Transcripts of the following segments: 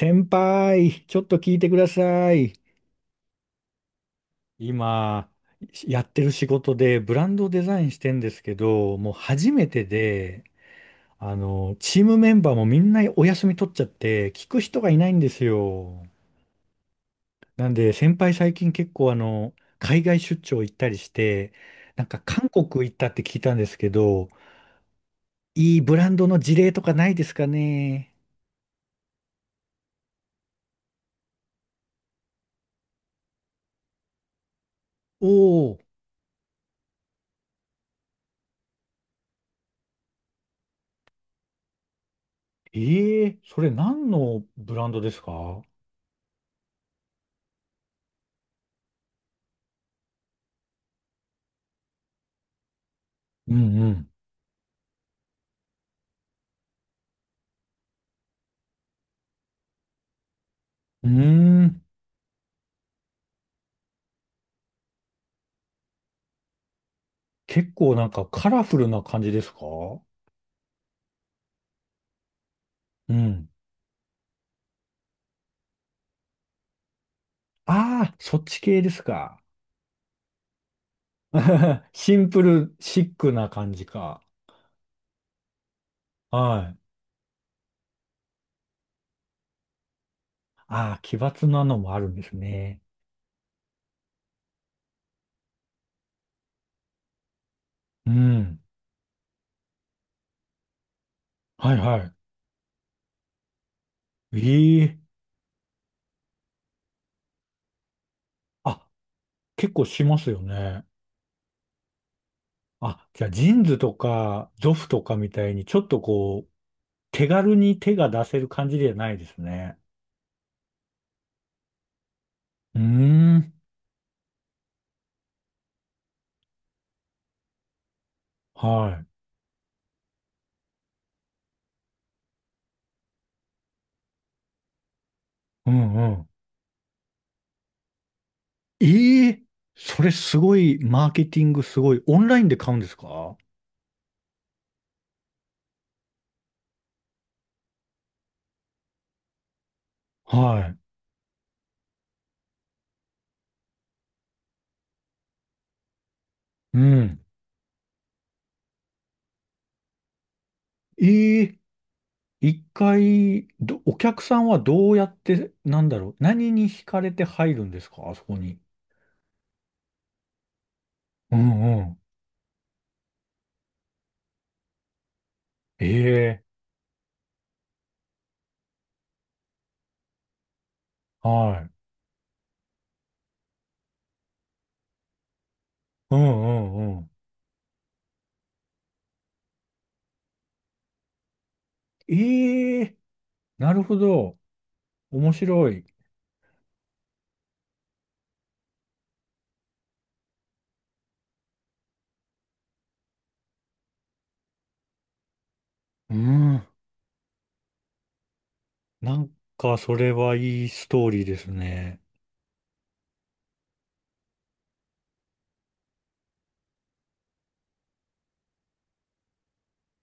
先輩、ちょっと聞いてください。今、やってる仕事でブランドをデザインしてんですけど、もう初めてで、チームメンバーもみんなお休み取っちゃって、聞く人がいないんですよ。なんで、先輩最近結構海外出張行ったりして、なんか韓国行ったって聞いたんですけど、いいブランドの事例とかないですかね。おお、ええ、それ何のブランドですか？うんうん。うーん。結構なんかカラフルな感じですか？うん。ああ、そっち系ですか。シンプル、シックな感じか。はい。ああ、奇抜なのもあるんですね。うん。はいはい。ええ。あ、結構しますよね。あ、じゃあジーンズとかゾフとかみたいにちょっとこう、手軽に手が出せる感じではないですね。うーん。はい。うん。ええ、それすごい、マーケティングすごい。オンラインで買うんですか？はい。うん。ええ、一回、お客さんはどうやって、なんだろう、何に惹かれて入るんですか、あそこに？うんうん。ええ、はい。うんうんうん。ええ、なるほど。面白い。うん。なんか、それはいいストーリーですね。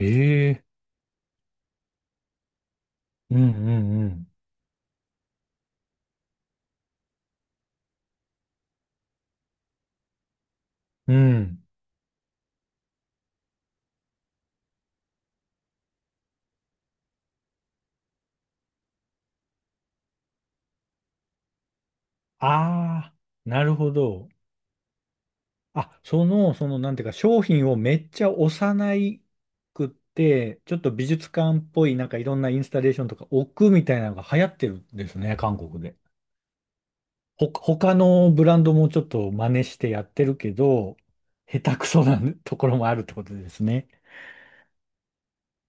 ええ、うんうんうん。うん。ああ、なるほど。あ、なんていうか、商品をめっちゃ幼くって、ちょっと美術館っぽい、なんかいろんなインスタレーションとか置くみたいなのが流行ってるんですね、韓国で。他のブランドもちょっと真似してやってるけど、下手くそなところもあるってことですね。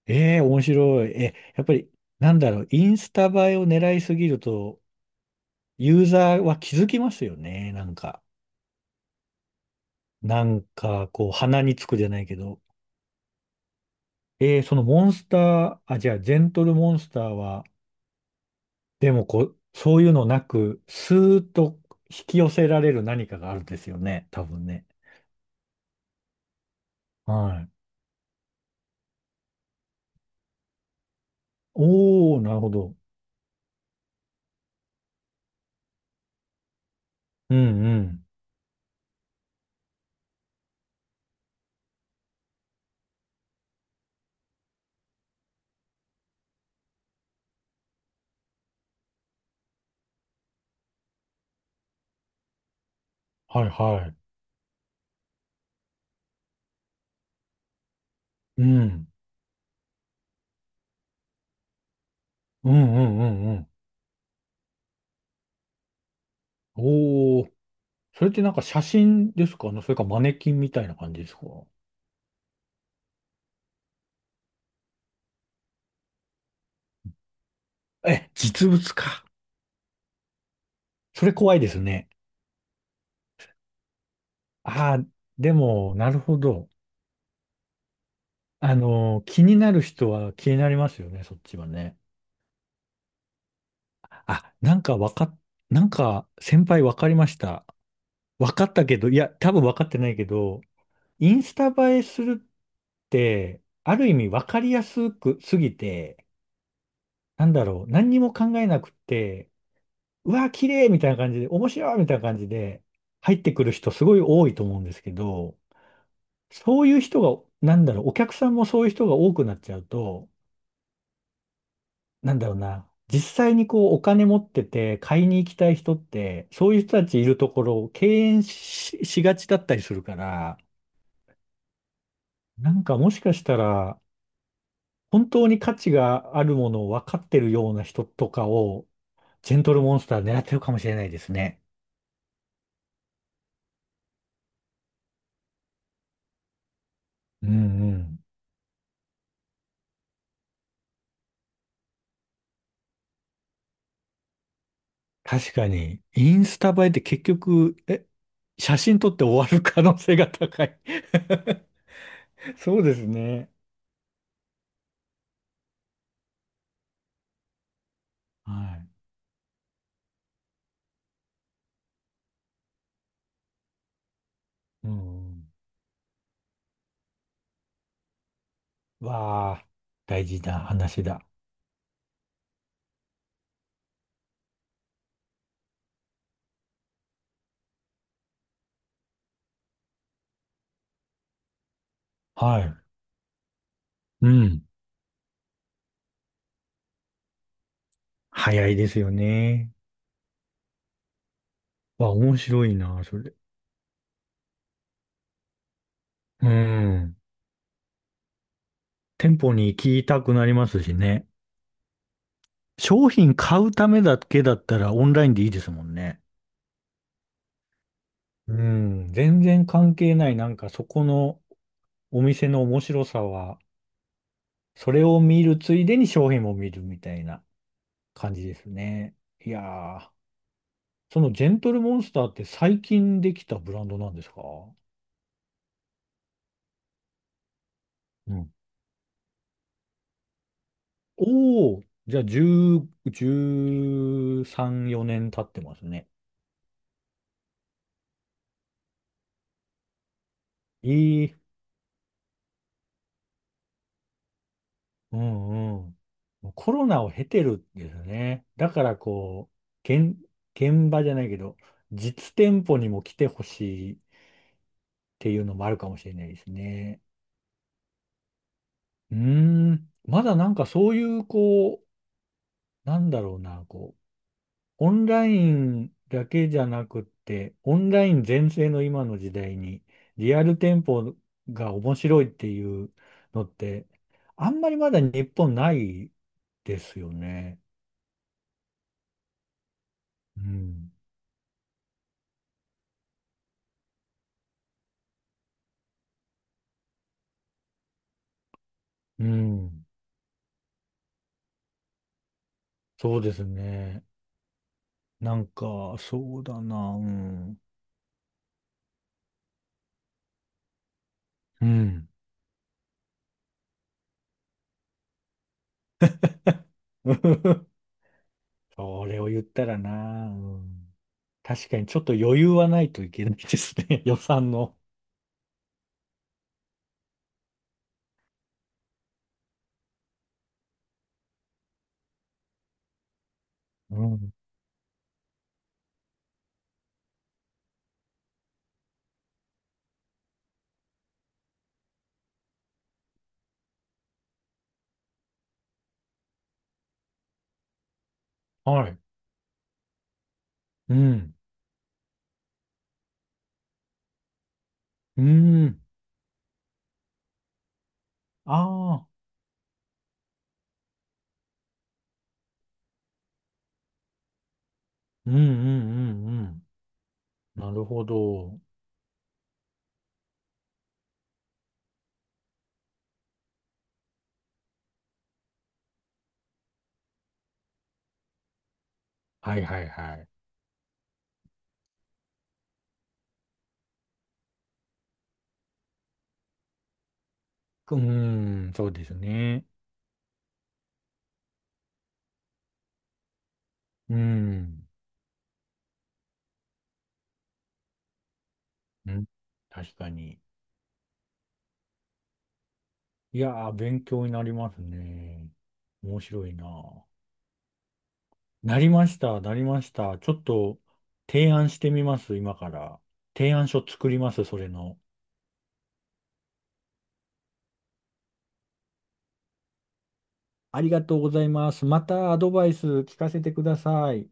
ええ、面白い。やっぱり、なんだろう、インスタ映えを狙いすぎると、ユーザーは気づきますよね、なんか。なんか、こう、鼻につくじゃないけど。そのモンスター、あ、じゃあ、ジェントルモンスターは、でもこう、そういうのなく、スーッと引き寄せられる何かがあるんですよね、多分ね。はい。おー、なるほど。うんうん。はいはい。うん。うんうんうんうん。おー、それってなんか写真ですかね、それかマネキンみたいな感じですか？え、実物か。それ怖いですね。ああ、でも、なるほど。気になる人は気になりますよね、そっちはね。あ、なんかわかっ、なんか先輩わかりました。わかったけど、いや、多分わかってないけど、インスタ映えするって、ある意味わかりやすくすぎて、なんだろう、何にも考えなくって、うわ、綺麗みたいな感じで、面白いみたいな感じで入ってくる人すごい多いと思うんですけど、そういう人が、なんだろう、お客さんもそういう人が多くなっちゃうと、なんだろうな、実際にこうお金持ってて買いに行きたい人って、そういう人たちいるところを敬遠しがちだったりするから、なんかもしかしたら、本当に価値があるものを分かってるような人とかを、ジェントルモンスター狙ってるかもしれないですね。うんうん。確かに、インスタ映えって結局、写真撮って終わる可能性が高い そうですね。はい。うんうん。わあ、大事な話だ。はい。うん。早いですよね。わ、面白いな、それ。うん。店舗に行きたくなりますしね。商品買うためだけだったらオンラインでいいですもんね。うん。全然関係ない。なんかそこのお店の面白さは、それを見るついでに商品も見るみたいな感じですね。いやー、そのジェントルモンスターって最近できたブランドなんですか？うん。おお、じゃあ10、13、4年経ってますね。いい、うんうん。もうコロナを経てるんですね。だからこう、現場じゃないけど、実店舗にも来てほしいっていうのもあるかもしれないですね。うーん、まだなんかそういう、こう、なんだろうな、オンラインだけじゃなくって、オンライン全盛の今の時代に、リアル店舗が面白いっていうのって、あんまりまだ日本ないですよね。うん。うん。そうですね。なんか、そうだな。うん。うん。それを言ったらな。うん。確かにちょっと余裕はないといけないですね。予算の。うん。はい。うん。うん。ああ、うんうんうんうん。なるほど。はいはいはい。うん、そうですね。うん、うん、確かに。いやー、勉強になりますね。面白いな。なりました、なりました。ちょっと提案してみます、今から。提案書作ります、それの。ありがとうございます。またアドバイス聞かせてください。